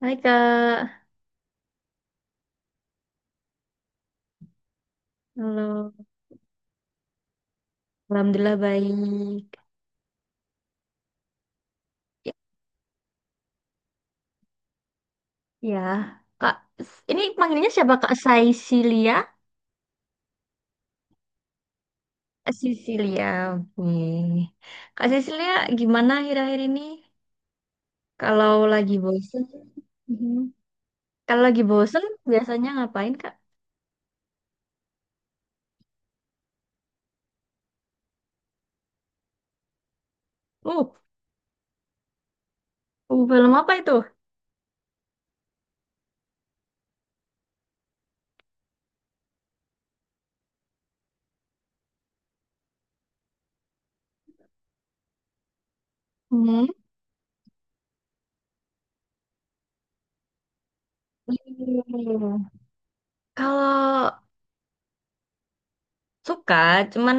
Hai Kak, halo. Alhamdulillah baik. Ya, ya. Kak, ini panggilnya siapa Kak? Saisilia? Kak Sisilia, oke. Kak Sisilia, gimana akhir-akhir ini? Kalau lagi bosen, mhm. Kalau lagi bosen biasanya ngapain Kak? Uh, film apa itu? Hmm. Kalau suka, cuman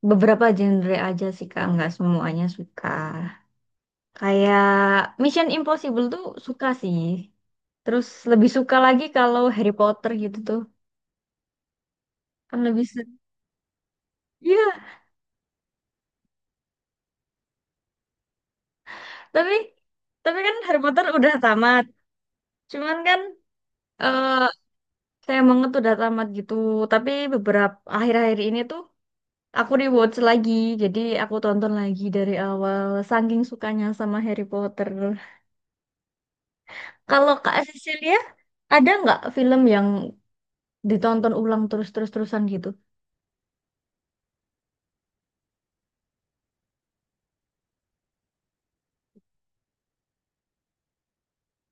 beberapa genre aja sih Kak, nggak semuanya suka. Kayak Mission Impossible tuh suka sih. Terus lebih suka lagi kalau Harry Potter gitu tuh. Kan lebih seru. Iya, tapi tapi kan Harry Potter udah tamat. Cuman kan eh saya banget udah tamat gitu. Tapi beberapa akhir-akhir ini tuh aku rewatch lagi. Jadi aku tonton lagi dari awal. Saking sukanya sama Harry Potter. Kalau Kak Cecilia, ada nggak film yang ditonton ulang terus-terus-terusan gitu?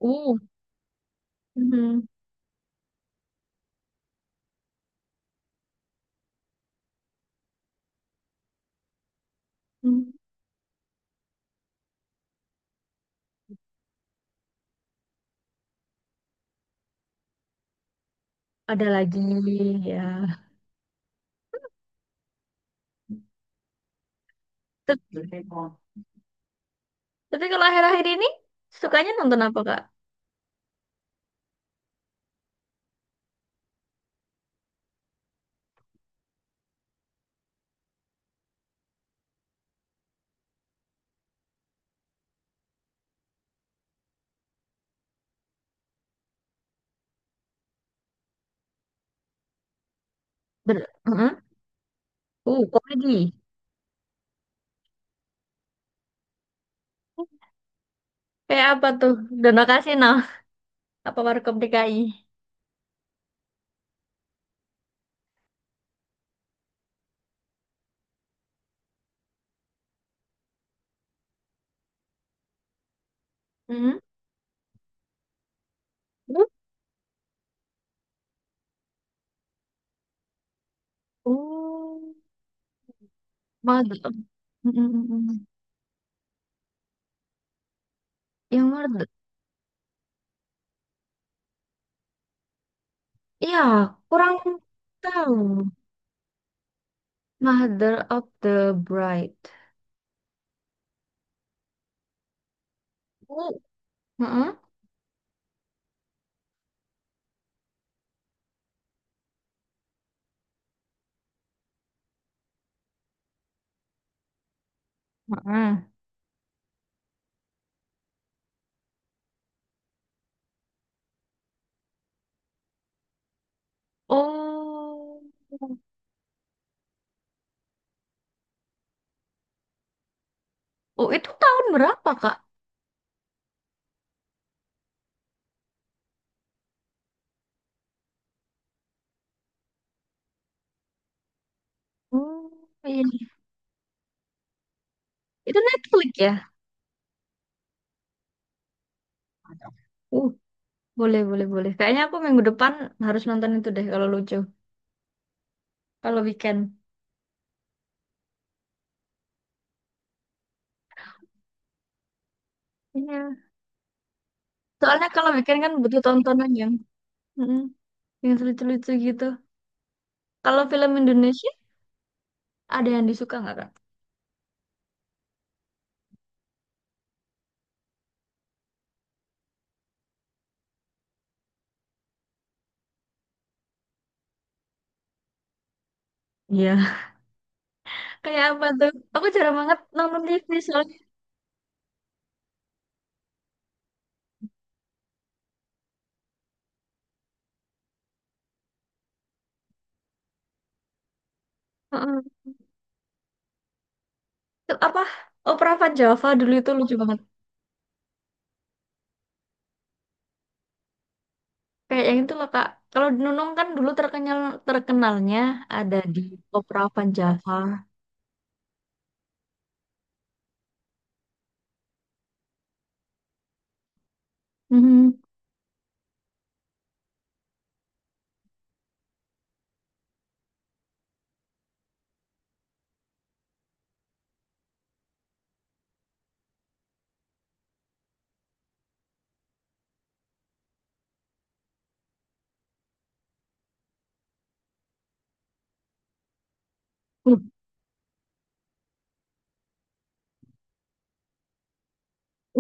Uh. Mhm. Ada lagi ya. Tep- Tapi kalau akhir-akhir ini sukanya nonton apa Kak? Ber Mm-mm. Komedi. Kayak apa tuh? Dono Kasino. Apa Warkop DKI? Mm-mm. Uh, uh, mother. mm mm Yang mother, iya, kurang tahu. Mother of the Bride. Uh, mm-mm. Mm-mm. Oh. Oh, itu tahun berapa, Kak? Oh, iya. Itu Netflix ya? Boleh, boleh, boleh. Kayaknya aku minggu depan harus nonton itu deh kalau lucu. Kalau weekend. Iya. Soalnya kalau weekend kan butuh tontonan yang mm, yang lucu-lucu gitu. Kalau film Indonesia ada yang disuka nggak, Kak? Iya. Kayak apa tuh? Aku jarang banget nonton TV soalnya. Heeh. Apa? Opera Van Java dulu itu lucu banget. Kayak yang itu loh, Kak. Kalau Nunung kan dulu terkenal, terkenalnya ada di Opera Van Java. Mhm.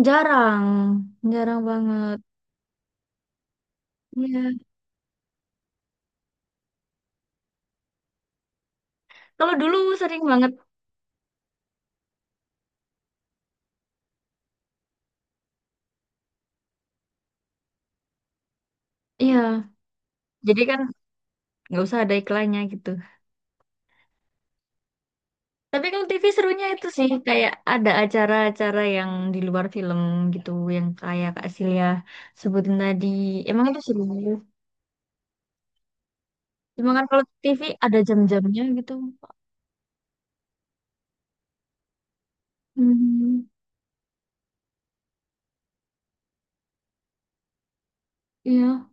Jarang, jarang banget. Iya. Kalau dulu sering banget, iya. Jadi kan nggak usah ada iklannya gitu. Tapi kalau TV serunya itu sih kayak ada acara-acara yang di luar film gitu, yang kayak Kak Silia sebutin tadi. Emang itu seru. Cuma kan kalau TV ada jam-jamnya gitu. Hmm, iya.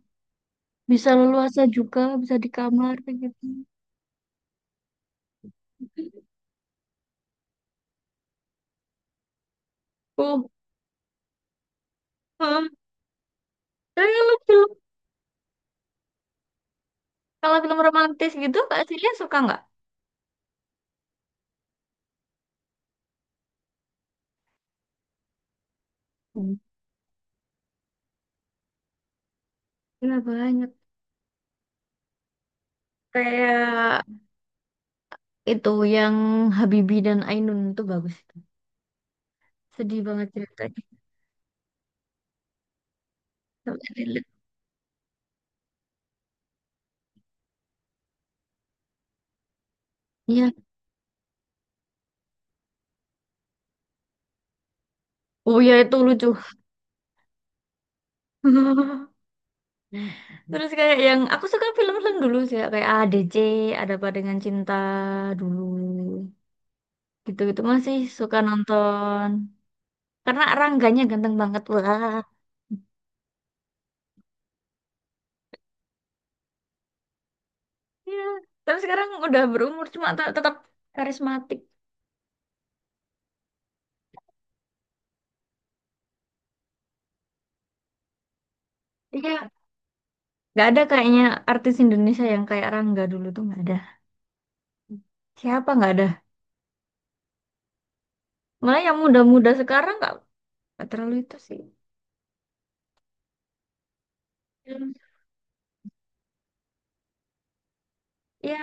Bisa leluasa juga, bisa di kamar kayak gitu. Oh, heeh. Tapi kalau film romantis gitu, Kak Silia suka nggak? Hmm. Iya, banyak. Kayak itu yang Habibie dan Ainun itu bagus itu. Sedih banget ceritanya. Sampai relate. Iya. Oh ya itu lucu. Terus kayak yang aku suka film-film dulu sih ya. Kayak ADC, ada apa dengan cinta dulu. Gitu-gitu masih suka nonton. Karena Rangganya ganteng banget lah. Iya. Tapi sekarang udah berumur, cuma tetap karismatik. Iya. Gak ada kayaknya artis Indonesia yang kayak Rangga dulu tuh nggak ada. Siapa nggak ada? Malah yang muda-muda sekarang nggak. Gak terlalu itu sih. Hmm. Ya,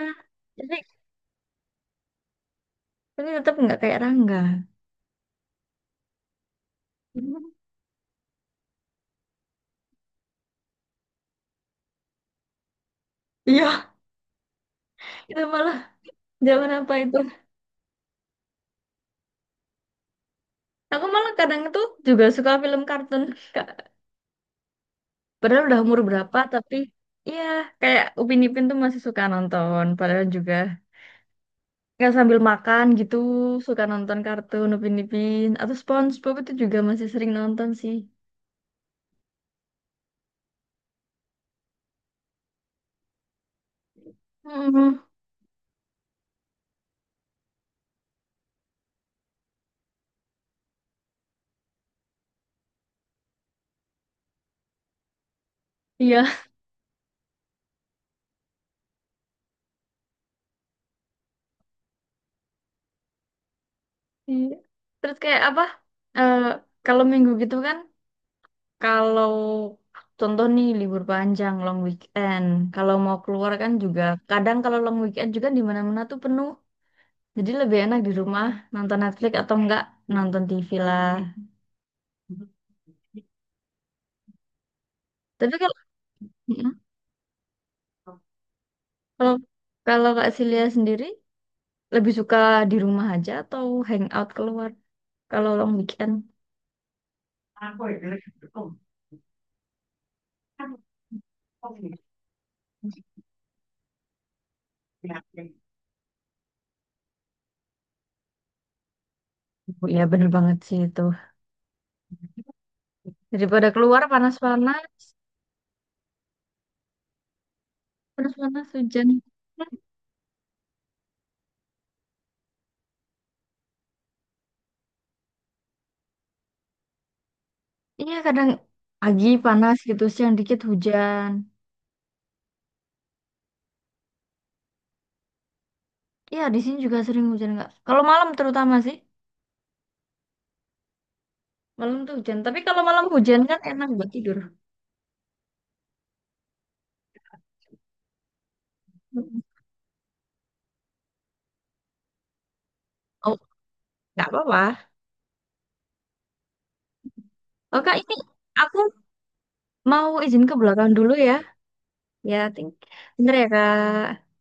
tapi, tapi tetap nggak kayak Rangga. Hmm. Iya, itu malah zaman apa itu? Aku malah kadang itu juga suka film kartun. Kak. Padahal udah umur berapa, tapi iya kayak Upin Ipin tuh masih suka nonton. Padahal juga nggak sambil makan gitu, suka nonton kartun Upin Ipin atau SpongeBob itu juga masih sering nonton sih. Hmm, iya. Iya. Terus kayak apa? Eh, kalau minggu gitu kan. Kalau contoh nih libur panjang, long weekend, kalau mau keluar kan juga kadang kalau long weekend juga di mana-mana tuh penuh. Jadi lebih enak di rumah nonton Netflix atau enggak nonton TV lah. Tapi kalau mm-mm, kalau kalau Kak Silia sendiri lebih suka di rumah aja atau hangout keluar kalau long weekend? Oh, iya bener banget sih itu. Daripada keluar panas-panas, panas-panas hujan. Iya kadang pagi panas gitu, siang dikit hujan. Iya di sini juga sering hujan nggak? Kalau malam terutama sih, malam tuh hujan. Tapi kalau malam hujan kan enak buat tidur. Mm. Oh nggak apa-apa. Oh kak ini aku mau izin ke belakang dulu ya. Ya, bentar ya kak.